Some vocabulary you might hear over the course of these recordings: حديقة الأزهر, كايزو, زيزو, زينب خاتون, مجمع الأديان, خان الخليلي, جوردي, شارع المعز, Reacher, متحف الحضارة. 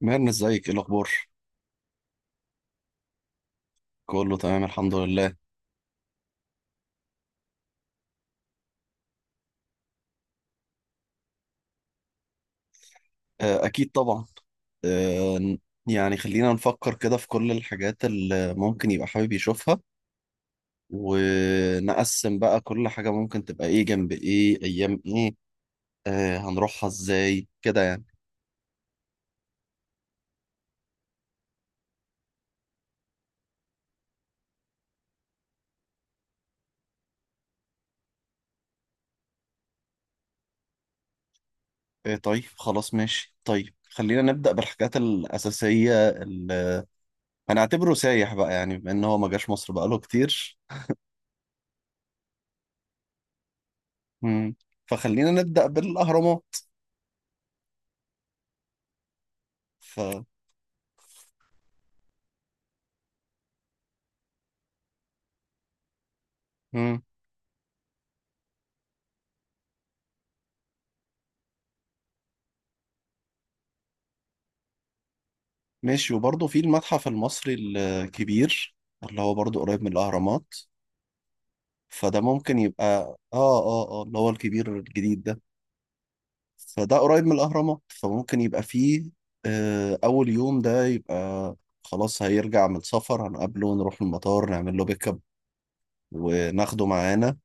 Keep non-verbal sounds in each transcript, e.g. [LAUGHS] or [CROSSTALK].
مهنا ازيك ايه الاخبار؟ كله تمام الحمد لله. اكيد طبعا. آه، يعني خلينا نفكر كده في كل الحاجات اللي ممكن يبقى حابب يشوفها، ونقسم بقى كل حاجة ممكن تبقى ايه جنب ايه ايام ايه. هنروحها ازاي كده يعني؟ طيب خلاص ماشي. طيب خلينا نبدأ بالحاجات الأساسية اللي هنعتبره سايح بقى، يعني بما ان هو ما جاش مصر بقاله كتير. مم. فخلينا نبدأ بالأهرامات. ف مم. ماشي، وبرضه في المتحف المصري الكبير، اللي هو برضه قريب من الأهرامات، فده ممكن يبقى اه اللي هو الكبير الجديد ده. فده قريب من الأهرامات فممكن يبقى فيه آه أول يوم ده يبقى خلاص. هيرجع من السفر هنقابله، نروح المطار نعمل له بيك اب وناخده معانا،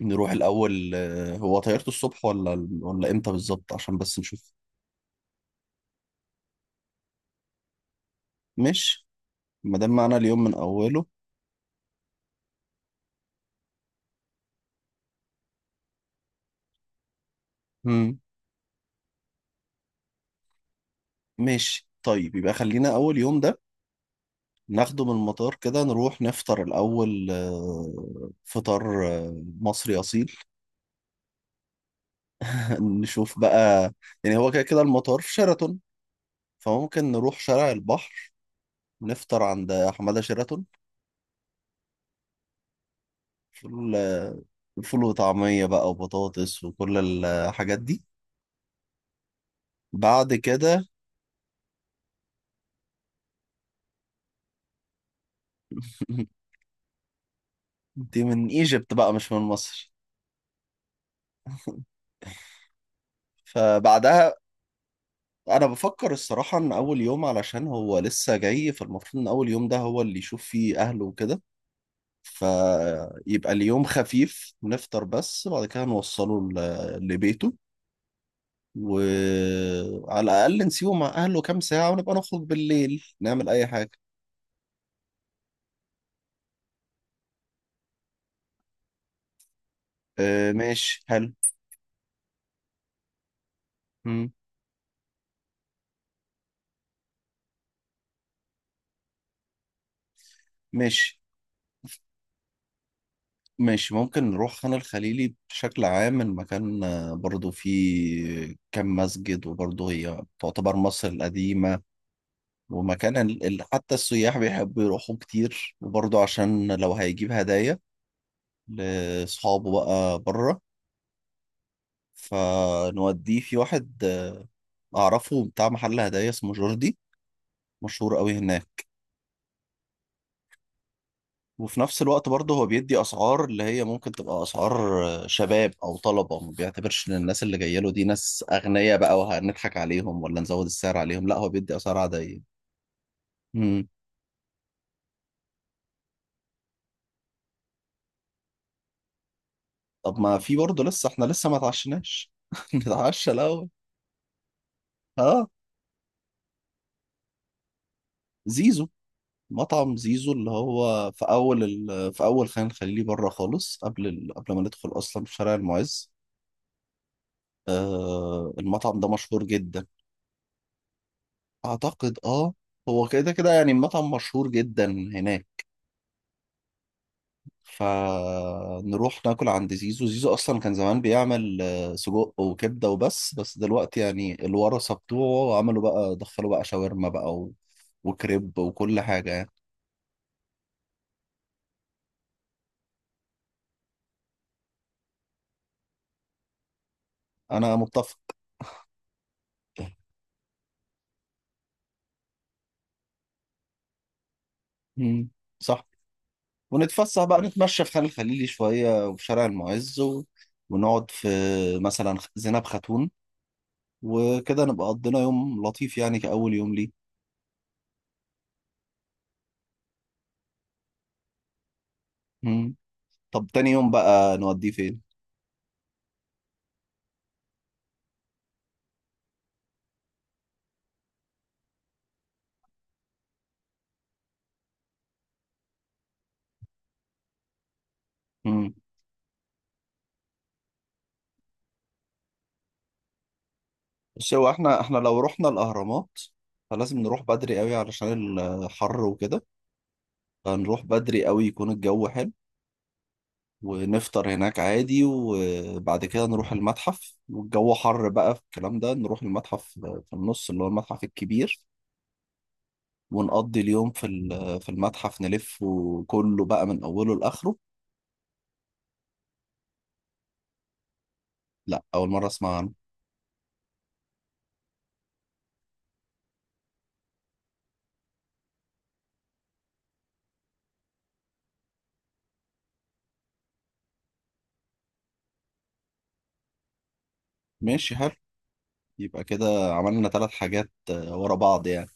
نروح الأول. آه، هو طيارته الصبح ولا إمتى بالظبط عشان بس نشوف. ماشي، ما دام معانا اليوم من أوله. مم. ماشي طيب، يبقى خلينا أول يوم ده ناخده من المطار كده، نروح نفطر الأول. فطار مصري أصيل. [LAUGHS] نشوف بقى، يعني هو كده كده المطار في شيراتون، فممكن نروح شارع البحر نفطر عند حمادة شيراتون. فول، فول وطعمية بقى وبطاطس وكل الحاجات دي. بعد كده [LAUGHS] دي من ايجيبت بقى مش من مصر. فبعدها، انا بفكر الصراحة ان اول يوم علشان هو لسه جاي، فالمفروض ان اول يوم ده هو اللي يشوف فيه اهله وكده. فيبقى اليوم خفيف، نفطر بس بعد كده لبيته، وعلى الأقل نسيبه مع أهله كام ساعة، ونبقى نخرج بالليل نعمل أي حاجة. آه ماشي حلو. مم. ماشي. ماشي، ممكن نروح خان الخليلي. بشكل عام المكان برضو فيه كم مسجد، وبرضو هي تعتبر مصر القديمة ومكان حتى السياح بيحبوا يروحوا كتير، وبرضو عشان لو هيجيب هدايا لأصحابه بقى بره. فنوديه في واحد اعرفه، بتاع محل هدايا اسمه جوردي، مشهور قوي هناك. وفي نفس الوقت برضه هو بيدي اسعار اللي هي ممكن تبقى اسعار شباب او طلبه، ما بيعتبرش ان الناس اللي جايه له دي ناس اغنياء بقى وهنضحك عليهم ولا نزود السعر عليهم، لا هو بيدي اسعار عاديه. امم. طب ما في برضه، لسه احنا ما اتعشناش. [LAUGHS] نتعشى الاول. اه. زيزو، مطعم زيزو اللي هو في في اول خان الخليلي بره خالص، قبل ما ندخل اصلا في شارع المعز. آه المطعم ده مشهور جدا، اعتقد اه. هو كده كده يعني المطعم مشهور جدا هناك. فنروح ناكل عند زيزو. زيزو اصلا كان زمان بيعمل سجق وكبده وبس، دلوقتي يعني الورثه بتوعه عملوا بقى، دخلوا بقى شاورما بقى و... وكريب وكل حاجه يعني. انا متفق. مم، صح. ونتفسح بقى، نتمشى في خان الخليلي شويه وفي شارع المعز و... ونقعد في مثلا زينب خاتون وكده، نبقى قضينا يوم لطيف يعني كأول يوم ليه. مم. طب تاني يوم بقى نوديه فين؟ مم. بس هو احنا لو رحنا الأهرامات فلازم نروح بدري قوي علشان الحر وكده. فنروح بدري قوي يكون الجو حلو، ونفطر هناك عادي، وبعد كده نروح المتحف، والجو حر بقى في الكلام ده نروح المتحف في النص اللي هو المتحف الكبير. ونقضي اليوم في في المتحف، نلفه كله بقى من أوله لآخره. لا، أول مرة أسمع عنه. ماشي حلو. يبقى كده عملنا ثلاث حاجات ورا بعض يعني.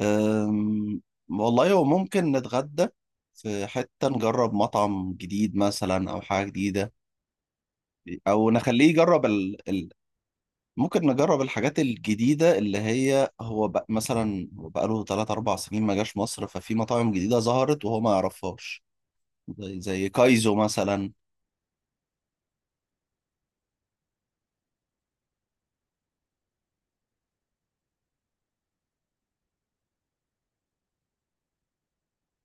أم، والله هو ممكن نتغدى في حتة، نجرب مطعم جديد مثلا أو حاجة جديدة. أو نخليه يجرب ممكن نجرب الحاجات الجديدة اللي هي هو مثلا بقاله 3 4 سنين ما جاش مصر، ففي مطاعم جديدة ظهرت وهو ما يعرفهاش. زي كايزو مثلا.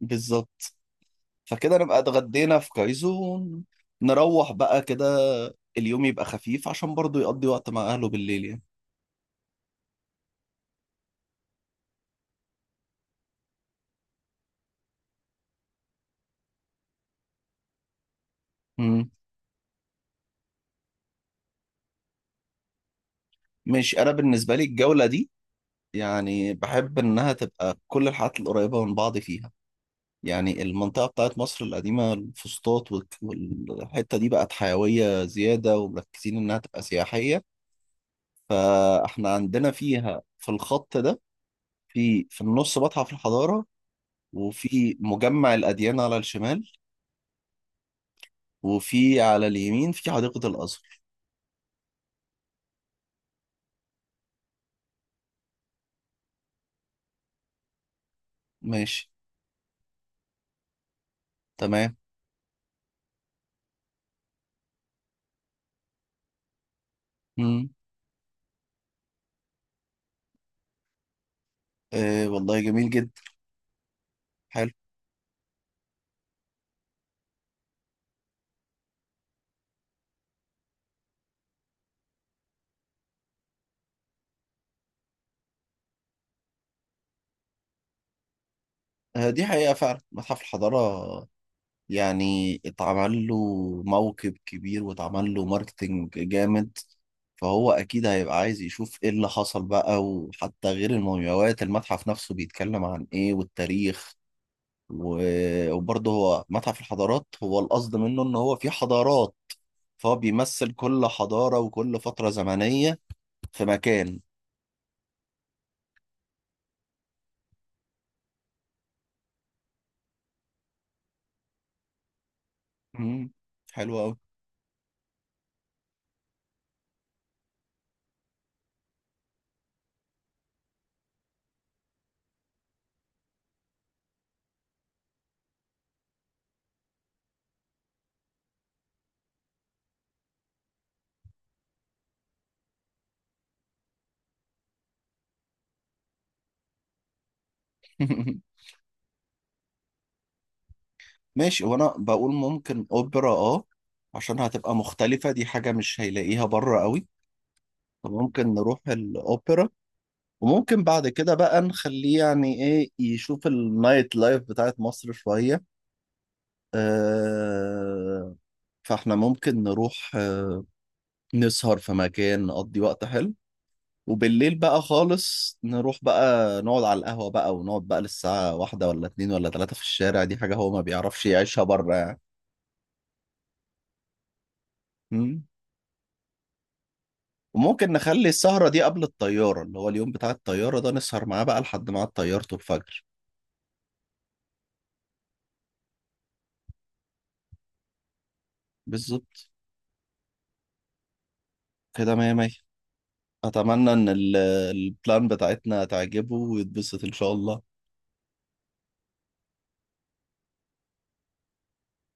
بالظبط. فكده نبقى اتغدينا في كايزون. نروح بقى كده، اليوم يبقى خفيف عشان برضو يقضي وقت مع أهله بالليل يعني. مم. ماشي. أنا بالنسبة لي الجولة دي يعني بحب إنها تبقى كل الحاجات القريبة من بعض فيها. يعني المنطقة بتاعت مصر القديمة، الفسطاط والحتة دي بقت حيوية زيادة ومركزين إنها تبقى سياحية. فإحنا عندنا فيها في الخط ده، في في النص متحف الحضارة، وفي مجمع الأديان على الشمال، وفي على اليمين في حديقة الأزهر. ماشي. تمام. مم. آه والله جميل جدا. حلو. آه دي حقيقة فعلا، متحف الحضارة يعني اتعمل له موكب كبير واتعمل له ماركتينج جامد. فهو أكيد هيبقى عايز يشوف إيه اللي حصل بقى، وحتى غير المومياوات، المتحف نفسه بيتكلم عن إيه والتاريخ. وبرضه هو متحف الحضارات، هو القصد منه إن هو فيه حضارات، فهو بيمثل كل حضارة وكل فترة زمنية في مكان. مم. حلو قوي. [LAUGHS] ماشي. وانا بقول ممكن اوبرا اه، عشان هتبقى مختلفة، دي حاجة مش هيلاقيها بره قوي. فممكن نروح الاوبرا، وممكن بعد كده بقى نخليه يعني ايه، يشوف النايت لايف بتاعت مصر شوية. آه. فاحنا ممكن نروح نسهر في مكان نقضي وقت حلو، وبالليل بقى خالص نروح بقى نقعد على القهوة بقى، ونقعد بقى للساعة واحدة ولا اتنين ولا تلاتة في الشارع. دي حاجة هو ما بيعرفش يعيشها بره يعني. مم. وممكن نخلي السهرة دي قبل الطيارة، اللي هو اليوم بتاع الطيارة ده نسهر معاه بقى لحد ما عاد طيارته الفجر. بالظبط. كده مية مية. أتمنى إن البلان بتاعتنا تعجبه ويتبسط إن شاء الله.